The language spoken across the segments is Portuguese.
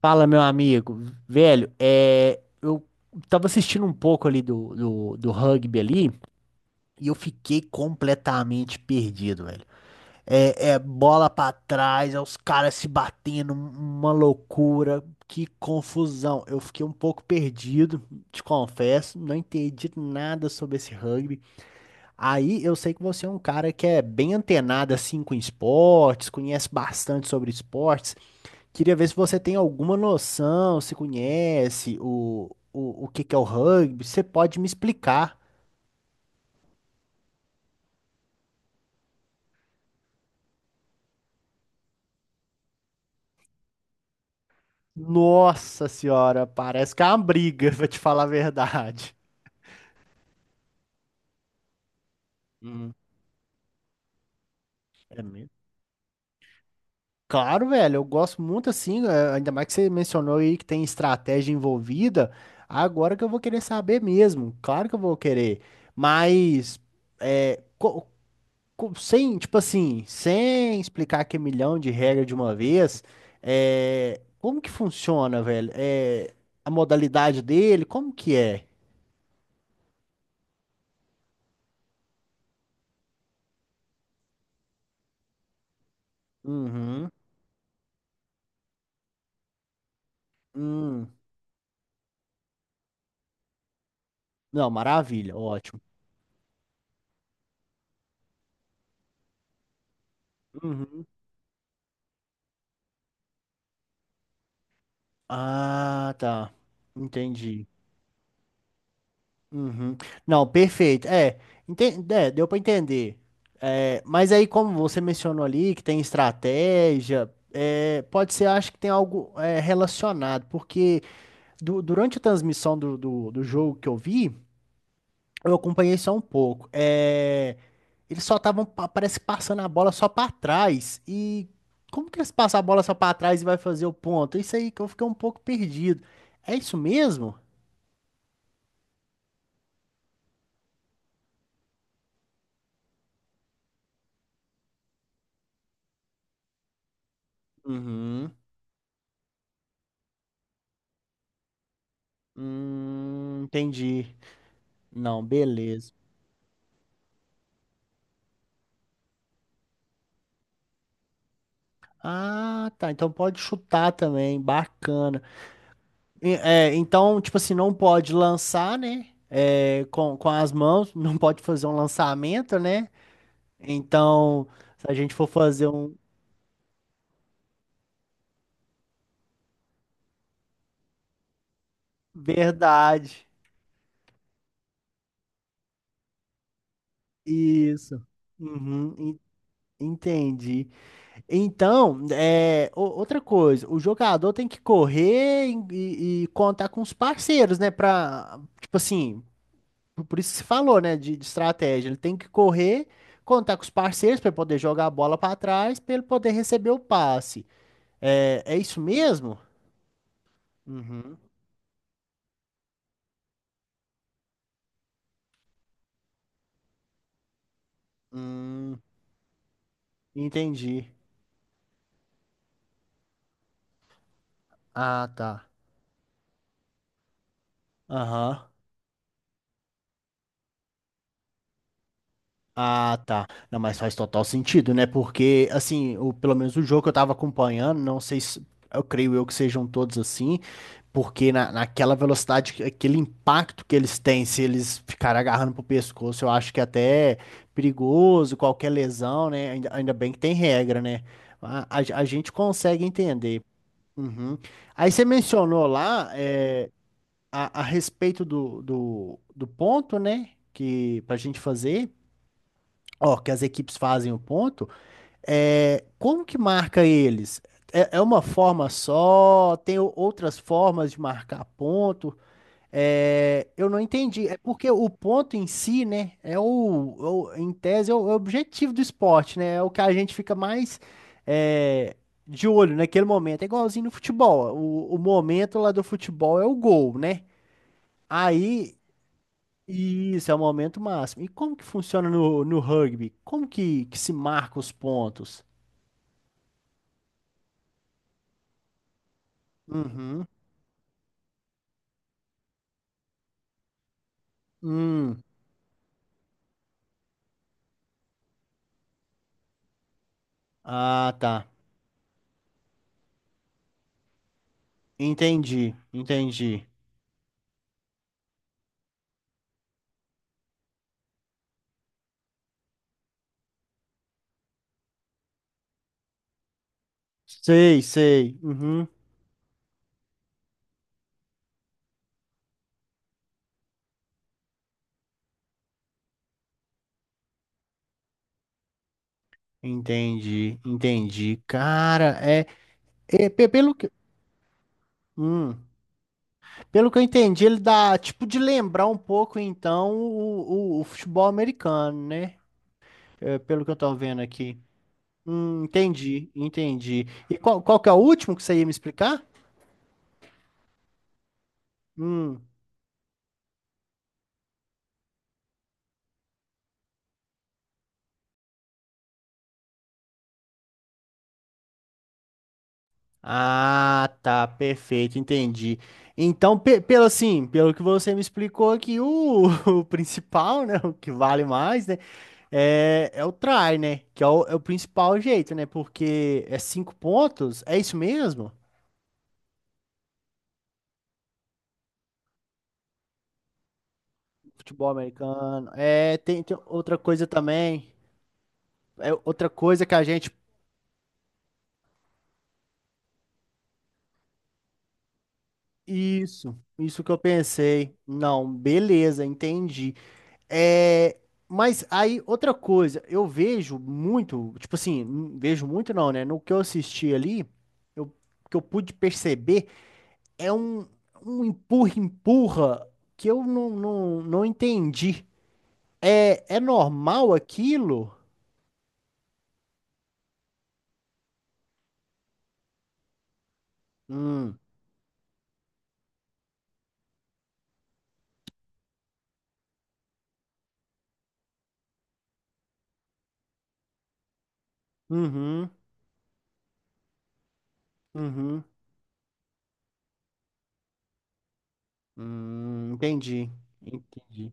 Fala, meu amigo. Velho, eu tava assistindo um pouco ali do rugby ali e eu fiquei completamente perdido, velho. É, é bola pra trás, é os caras se batendo, uma loucura, que confusão. Eu fiquei um pouco perdido, te confesso, não entendi nada sobre esse rugby. Aí eu sei que você é um cara que é bem antenado assim com esportes, conhece bastante sobre esportes. Queria ver se você tem alguma noção, se conhece o que que é o rugby. Você pode me explicar? Nossa senhora, parece que é uma briga, pra te falar a verdade. Hum. É mesmo? Claro, velho, eu gosto muito assim, ainda mais que você mencionou aí que tem estratégia envolvida. Agora que eu vou querer saber mesmo, claro que eu vou querer. Mas é. co- sem, tipo assim, sem explicar que é milhão de regras de uma vez, é, como que funciona, velho? É, a modalidade dele, como que é? Uhum. Hum. Não, maravilha, ótimo. Uhum. Ah, tá. Entendi. Uhum. Não, perfeito. É, deu pra entender. É, mas aí, como você mencionou ali, que tem estratégia, é, pode ser, acho que tem algo é, relacionado, porque. Durante a transmissão do jogo que eu vi, eu acompanhei só um pouco. É, eles só estavam, parece, passando a bola só pra trás. E como que eles passam a bola só pra trás e vai fazer o ponto? Isso aí que eu fiquei um pouco perdido. É isso mesmo? Uhum. Entendi. Não, beleza. Ah, tá. Então pode chutar também. Bacana. E, é, então, tipo assim, não pode lançar, né? É, com as mãos, não pode fazer um lançamento, né? Então, se a gente for fazer um. Verdade. Isso. Uhum, en- entendi. Então, é, outra coisa, o jogador tem que correr e contar com os parceiros, né? Pra, tipo assim, por isso que você falou, né? De estratégia. Ele tem que correr, contar com os parceiros para poder jogar a bola para trás, para ele poder receber o passe. É, é isso mesmo? Uhum. Hum, entendi. Ah, tá. Aham. Ah, tá. Não, mas faz total sentido, né? Porque, assim, o, pelo menos o jogo que eu tava acompanhando, não sei se. Eu creio eu que sejam todos assim, porque naquela velocidade, aquele impacto que eles têm, se eles ficarem agarrando pro pescoço, eu acho que até é perigoso, qualquer lesão, né? Ainda bem que tem regra, né? A gente consegue entender. Uhum. Aí você mencionou lá, é, a respeito do ponto, né? Que pra gente fazer ó, que as equipes fazem o ponto, é, como que marca eles? É, é uma forma só? Tem outras formas de marcar ponto? É, eu não entendi. É porque o ponto em si, né, é em tese, é o, é o objetivo do esporte, né? É o que a gente fica mais é, de olho naquele momento. É igualzinho no futebol. O momento lá do futebol é o gol, né? Aí isso, é o momento máximo. E como que funciona no, no rugby? Como que se marca os pontos? Uhum. Hum. Ah, tá. Entendi, entendi. Sei, sei. Uhum. Entendi, entendi. Cara, é pe- pelo que, hum, pelo que eu entendi, ele dá tipo de lembrar um pouco então o futebol americano, né? É, pelo que eu tô vendo aqui. Entendi, entendi. E qual, qual que é o último que você ia me explicar? Hum. Ah, tá, perfeito, entendi. Então, pelo assim, pelo que você me explicou aqui, o, o principal, né, o que vale mais, né, é o try, né, que é é o principal jeito, né, porque é cinco pontos, é isso mesmo? Futebol americano, é, tem, tem outra coisa também, é outra coisa que a gente, isso que eu pensei, não, beleza, entendi. É, mas aí, outra coisa, eu vejo muito, tipo assim, vejo muito não, né? No que eu assisti ali, eu, que eu pude perceber é um, um empurra-empurra que eu não entendi. É, é normal aquilo? Hum, uhum, uhum, entendi, entendi.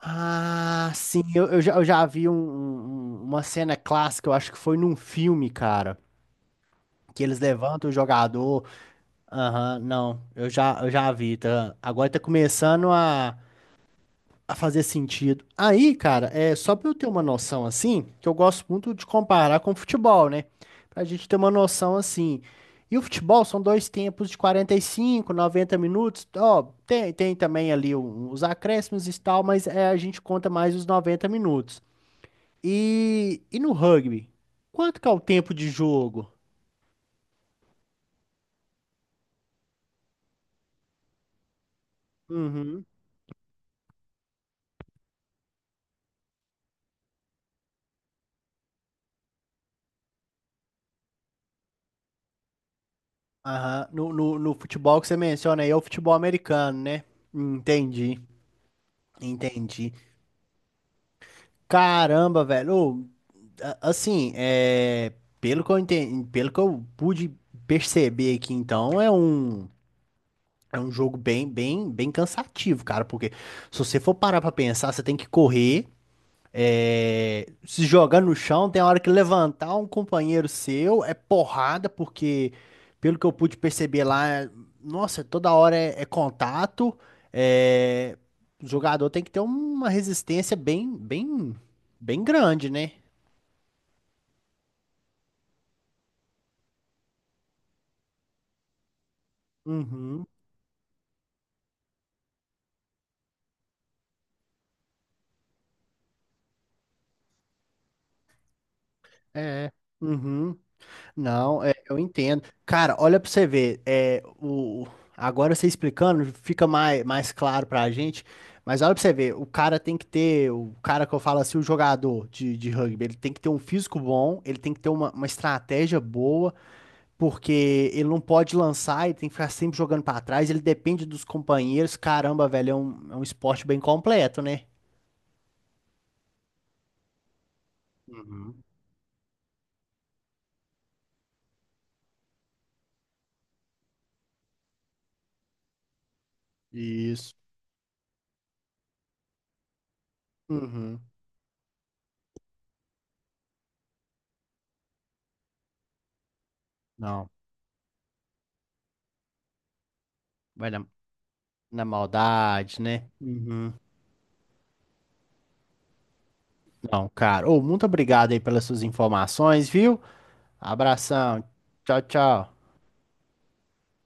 Ah, sim, eu já vi uma cena clássica, eu acho que foi num filme, cara, que eles levantam o jogador. Aham, não, eu já vi, tá? Agora tá começando a fazer sentido. Aí, cara, é só pra eu ter uma noção assim, que eu gosto muito de comparar com o futebol, né? Pra gente ter uma noção assim. E o futebol são dois tempos de 45, 90 minutos. Ó, tem, tem também ali os acréscimos e tal, mas é, a gente conta mais os 90 minutos. E no rugby? Quanto que é o tempo de jogo? Aham. No futebol que você menciona aí é o futebol americano, né? Entendi, entendi. Caramba, velho. Ô, assim, é, pelo que eu entendi, pelo que eu pude perceber aqui, então, é um jogo bem, bem, bem cansativo, cara, porque se você for parar pra pensar, você tem que correr. É, se jogar no chão, tem hora que levantar um companheiro seu é porrada, porque pelo que eu pude perceber lá, nossa, toda hora é, é contato. É, o jogador tem que ter uma resistência bem, bem, bem grande, né? Uhum, é. Uhum. Não, é, eu entendo. Cara, olha pra você ver, é, o, agora você explicando fica mais, mais claro pra gente, mas olha pra você ver, o cara tem que ter, o cara que eu falo assim, o jogador de rugby, ele tem que ter um físico bom, ele tem que ter uma estratégia boa, porque ele não pode lançar, ele tem que ficar sempre jogando pra trás, ele depende dos companheiros, caramba, velho, é um esporte bem completo, né? Uhum. Isso. Uhum. Não, vai na, na maldade, né? Uhum. Não, cara. Ô, muito obrigado aí pelas suas informações, viu? Abração. Tchau, tchau.